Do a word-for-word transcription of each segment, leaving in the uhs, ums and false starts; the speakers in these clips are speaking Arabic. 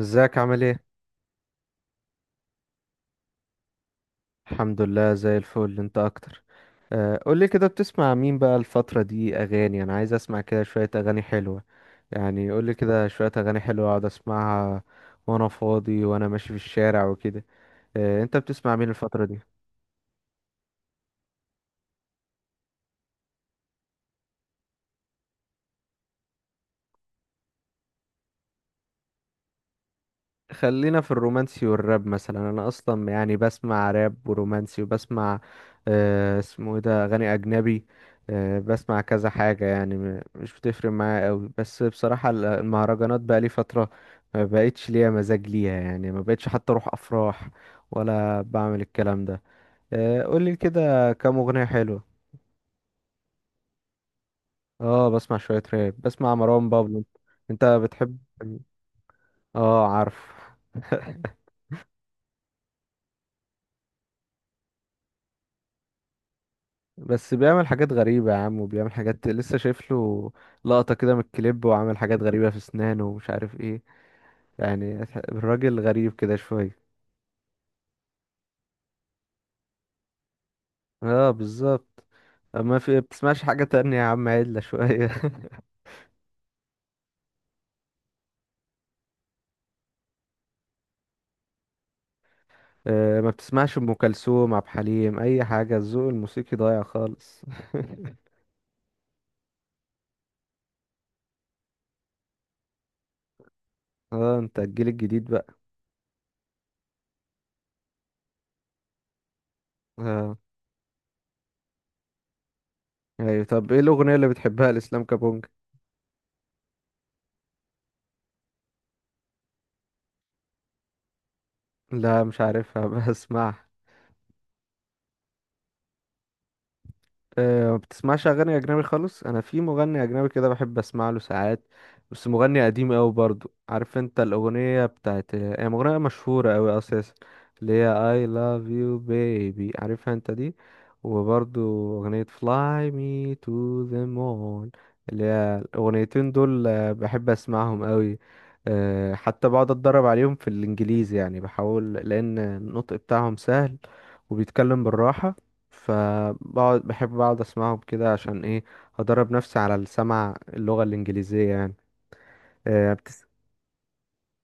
ازيك عامل ايه؟ الحمد لله زي الفل، انت اكتر. آه، قولي كده، بتسمع مين بقى الفترة دي اغاني؟ انا عايز اسمع كده شوية اغاني حلوة، يعني قولي كده شوية اغاني حلوة اقعد اسمعها وانا فاضي وانا ماشي في الشارع وكده. آه، انت بتسمع مين الفترة دي؟ خلينا في الرومانسي والراب مثلا. انا اصلا يعني بسمع راب ورومانسي، وبسمع آه اسمه ايه ده، اغاني اجنبي. آه بسمع كذا حاجه يعني، م- مش بتفرق معايا قوي، بس بصراحه ال- المهرجانات بقى لي فتره ما بقتش ليا مزاج ليها، يعني ما بقتش حتى اروح افراح ولا بعمل الكلام ده. آه قولي كده كام اغنيه حلوه. اه بسمع شويه راب، بسمع مروان بابلو. انت بتحب؟ اه عارف. بس بيعمل حاجات غريبة يا عم، وبيعمل حاجات لسه شايف له لقطة كده من الكليب، وعامل حاجات غريبة في اسنانه ومش عارف ايه يعني. الراجل غريب كده شوية. اه بالظبط. آه، ما في بتسمعش حاجة تانية يا عم، عدلة شوية. آه، ما بتسمعش أم كلثوم، عبد الحليم، أي حاجة؟ الذوق الموسيقي ضايع خالص. اه انت الجيل الجديد بقى. اه أيوة، طب ايه الأغنية اللي بتحبها لإسلام كابونج؟ لا مش عارفها. بسمعها. أه ما بتسمعش اغاني اجنبي خالص. انا في مغني اجنبي كده بحب اسمع له ساعات، بس مغني قديم قوي برضو. عارف انت الاغنيه بتاعت، هي مغنيه مشهوره قوي اساسا، اللي هي I love you baby، عارفها انت دي؟ وبرضو اغنيه fly me to the moon، اللي هي الاغنيتين دول آه، بحب اسمعهم قوي. أه حتى بقعد اتدرب عليهم في الانجليزي، يعني بحاول، لان النطق بتاعهم سهل وبيتكلم بالراحه. فبقعد بحب اقعد اسمعهم كده عشان ايه؟ هدرب نفسي على السمع، اللغة الإنجليزية يعني. آه بتس...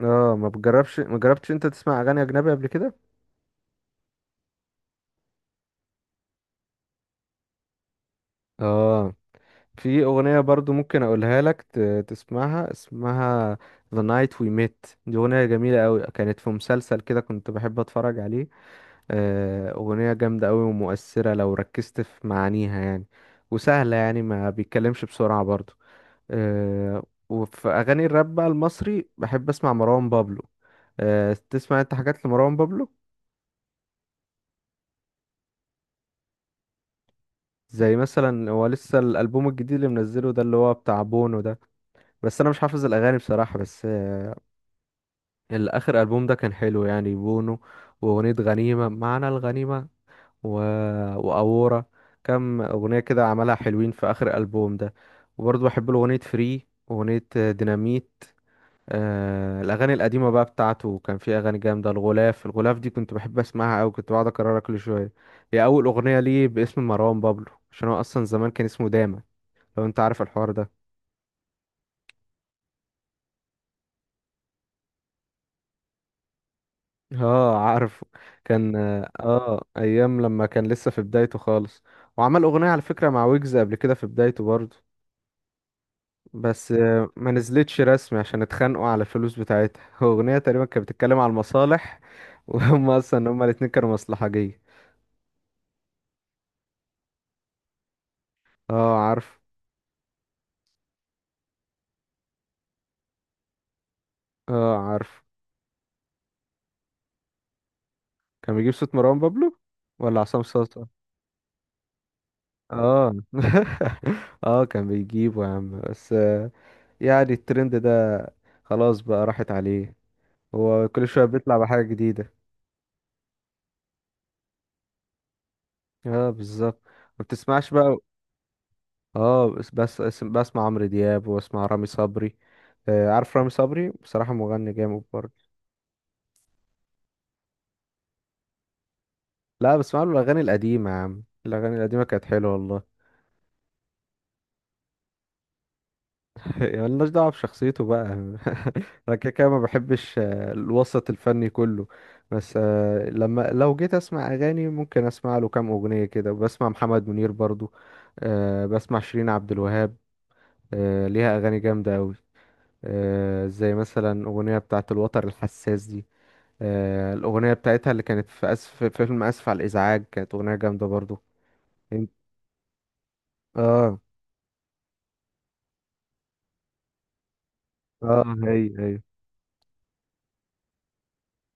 اه، ما بتجربش، ما جربتش انت تسمع اغاني اجنبي قبل كده؟ اه في اغنية برضو ممكن اقولها لك ت... تسمعها، اسمها The Night We Met. دي اغنية جميلة قوي، كانت في مسلسل كده كنت بحب اتفرج عليه. آه اغنية جامدة قوي ومؤثرة لو ركزت في معانيها يعني. وسهلة يعني، ما بيتكلمش بسرعة برضو. آه، وفي اغاني الراب بقى المصري، بحب اسمع مروان بابلو. آه، تسمع انت حاجات لمروان بابلو؟ زي مثلا هو لسه الالبوم الجديد اللي منزله ده، اللي هو بتاع بونو ده، بس انا مش حافظ الاغاني بصراحه. بس آه، الاخر البوم ده كان حلو يعني، بونو. واغنيه غنيمه، معنى الغنيمه، و... واورا. كم اغنيه كده عملها حلوين في اخر الالبوم ده. وبرضه بحب له اغنيه فري، واغنيه آه، ديناميت. آه الأغاني القديمة بقى بتاعته كان في أغاني جامدة. الغلاف الغلاف دي كنت بحب أسمعها أوي، كنت بقعد أكررها كل شوية، هي أول أغنية ليه باسم مروان بابلو، عشان هو أصلا زمان كان اسمه داما، لو أنت عارف الحوار ده. اه عارف. كان اه أيام لما كان لسه في بدايته خالص، وعمل أغنية على فكرة مع ويجز قبل كده في بدايته برضه، بس آه، ما نزلتش رسمي عشان اتخانقوا على الفلوس بتاعتها. أغنية تقريبا كانت بتتكلم على المصالح، وهم أصلا هما الاتنين كانوا مصلحجية. اه عارف. اه عارف. كان بيجيب صوت مروان بابلو ولا عصام صاصا؟ اه. اه كان بيجيبه يا عم، بس آه، يعني الترند ده خلاص بقى راحت عليه. هو كل شوية بيطلع بحاجة جديدة. اه بالظبط. ما بتسمعش بقى. اه بس بس بس- بسمع عمرو دياب واسمع رامي صبري. آه عارف رامي صبري، بصراحة مغني جامد برضه. لا بسمع له الأغاني القديمة يا عم، الأغاني القديمة كانت حلوة والله. ملناش دعوة بشخصيته بقى. أنا كده كده ما بحبش آه، الوسط الفني كله. بس آه، لما لو جيت أسمع أغاني ممكن أسمع له كام أغنية كده. بسمع محمد منير برضو. آه، بسمع شيرين عبد الوهاب. آه، ليها أغاني جامدة أوي. آه، زي مثلا أغنية بتاعة الوتر الحساس دي. آه، الأغنية بتاعتها اللي كانت في أسف، في فيلم أسف على الإزعاج، كانت أغنية جامدة برضو. إن- اه. اه هي هي.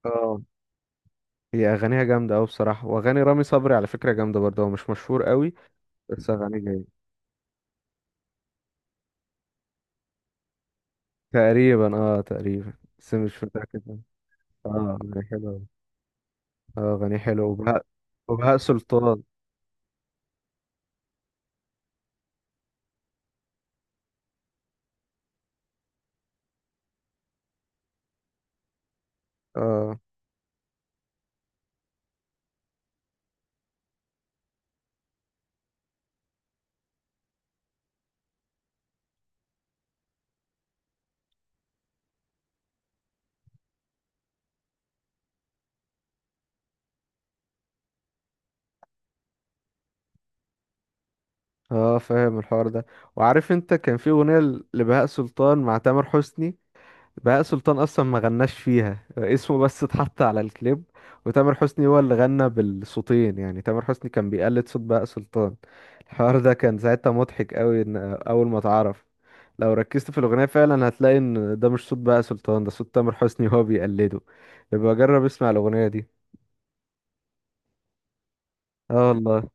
اه هي اغانيها جامده قوي بصراحه، واغاني رامي صبري على فكره جامده برضه، هو مش مشهور قوي بس اغانيه جامده. تقريبا اه، تقريبا بس مش متاكد. اه اغانيه حلوه أوي. اه اغانيه حلوه. وبهاء، وبهاء سلطان. اه. اه فاهم الحوار ده؟ وعارف انت كان في اغنيه ل- لبهاء سلطان مع تامر حسني؟ بهاء سلطان اصلا ما غناش فيها، اسمه بس اتحط على الكليب، وتامر حسني هو اللي غنى بالصوتين، يعني تامر حسني كان بيقلد صوت بهاء سلطان. الحوار ده كان ساعتها مضحك قوي ان اول ما اتعرف. لو ركزت في الاغنيه فعلا هتلاقي ان ده مش صوت بهاء سلطان، ده صوت تامر حسني هو بيقلده. يبقى جرب اسمع الاغنيه دي. اه والله،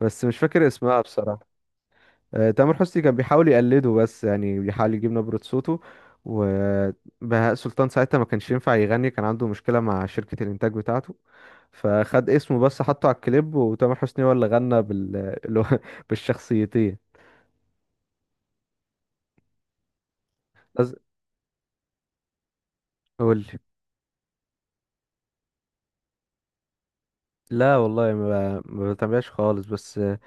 بس مش فاكر اسمها بصراحه. آه، تامر حسني كان بيحاول يقلده، بس يعني بيحاول يجيب نبرة صوته. وبهاء سلطان ساعتها ما كانش ينفع يغني، كان عنده مشكلة مع شركة الإنتاج بتاعته، فخد اسمه بس حطه على الكليب، وتامر حسني هو اللي غنى بال... اللي هو بالشخصيتين. بس قول لي. لا والله، ما, ما بتابعش خالص، بس آه،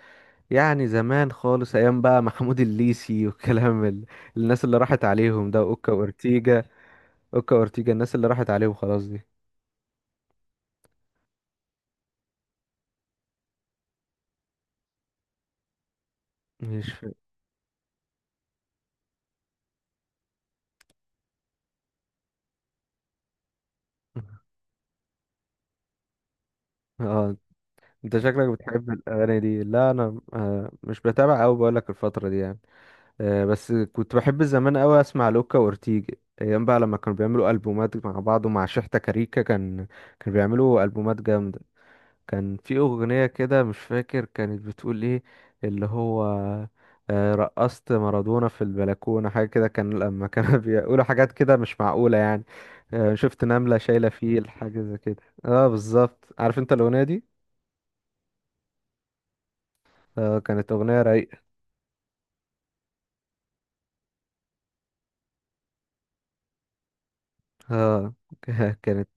يعني زمان خالص أيام بقى. محمود الليثي والكلام ال... الناس اللي راحت عليهم ده، أوكا وأورتيجا. أوكا وأورتيجا، الناس اللي راحت عليهم خلاص دي. مش ف... اه انت شكلك بتحب الاغاني دي. لا انا آه، مش بتابع قوي، بقول لك الفتره دي يعني. آه، بس كنت بحب زمان قوي اسمع لوكا وأورتيج، ايام بقى لما كانوا بيعملوا البومات مع بعض، ومع شحتة كاريكا، كان كانوا بيعملوا البومات جامده. كان في اغنيه كده مش فاكر كانت بتقول ايه، اللي هو آه، رقصت مارادونا في البلكونه، حاجه كده. كان لما كانوا بيقولوا حاجات كده مش معقوله يعني، آه، شفت نمله شايله فيل، حاجه زي كده. اه بالظبط، عارف انت الاغنيه دي؟ آه، كانت اغنيه رايقه. اه كانت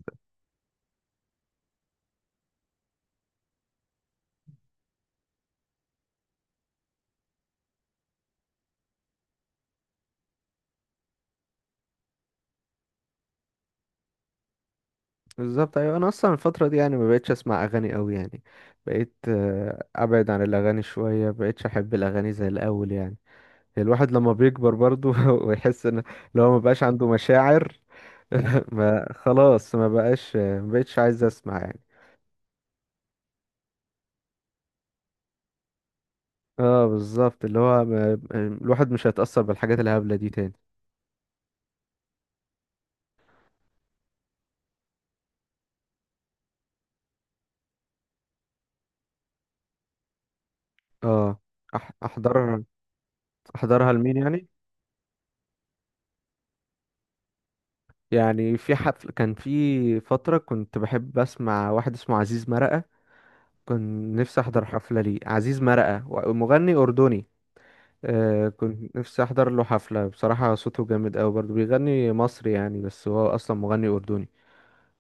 بالظبط. ايوه انا اصلا الفتره دي يعني ما بقتش اسمع اغاني قوي يعني، بقيت آه، ابعد عن الاغاني شويه، ما بقتش احب الاغاني زي الاول يعني. الواحد لما بيكبر برضو ويحس ان، لو ما بقاش عنده مشاعر، ما خلاص، ما بقاش، ما بقتش عايز اسمع يعني. اه بالظبط، اللي هو ما... الواحد مش هيتاثر بالحاجات الهبله دي تاني. اه أح... احضرها. احضرها لمين يعني؟ يعني في حفل كان في فترة كنت بحب أسمع واحد اسمه عزيز مرقة، كنت نفسي أحضر حفلة ليه، عزيز مرقة، و- مغني أردني. آه كنت نفسي أحضر له حفلة بصراحة، صوته جامد أوي برضه، بيغني مصري يعني بس هو أصلا مغني أردني.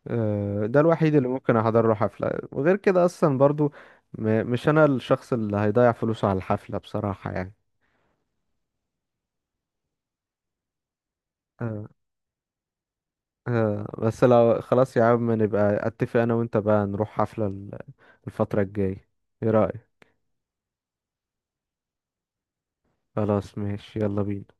آه ده الوحيد اللي ممكن أحضر له حفلة، وغير كده أصلا برضه م- مش أنا الشخص اللي هيضيع فلوسه على الحفلة بصراحة يعني. آه. آه بس لو خلاص يا عم نبقى أتفق أنا وأنت بقى نروح حفلة ال- الفترة الجاية، ايه رأيك؟ خلاص ماشي، يلا بينا.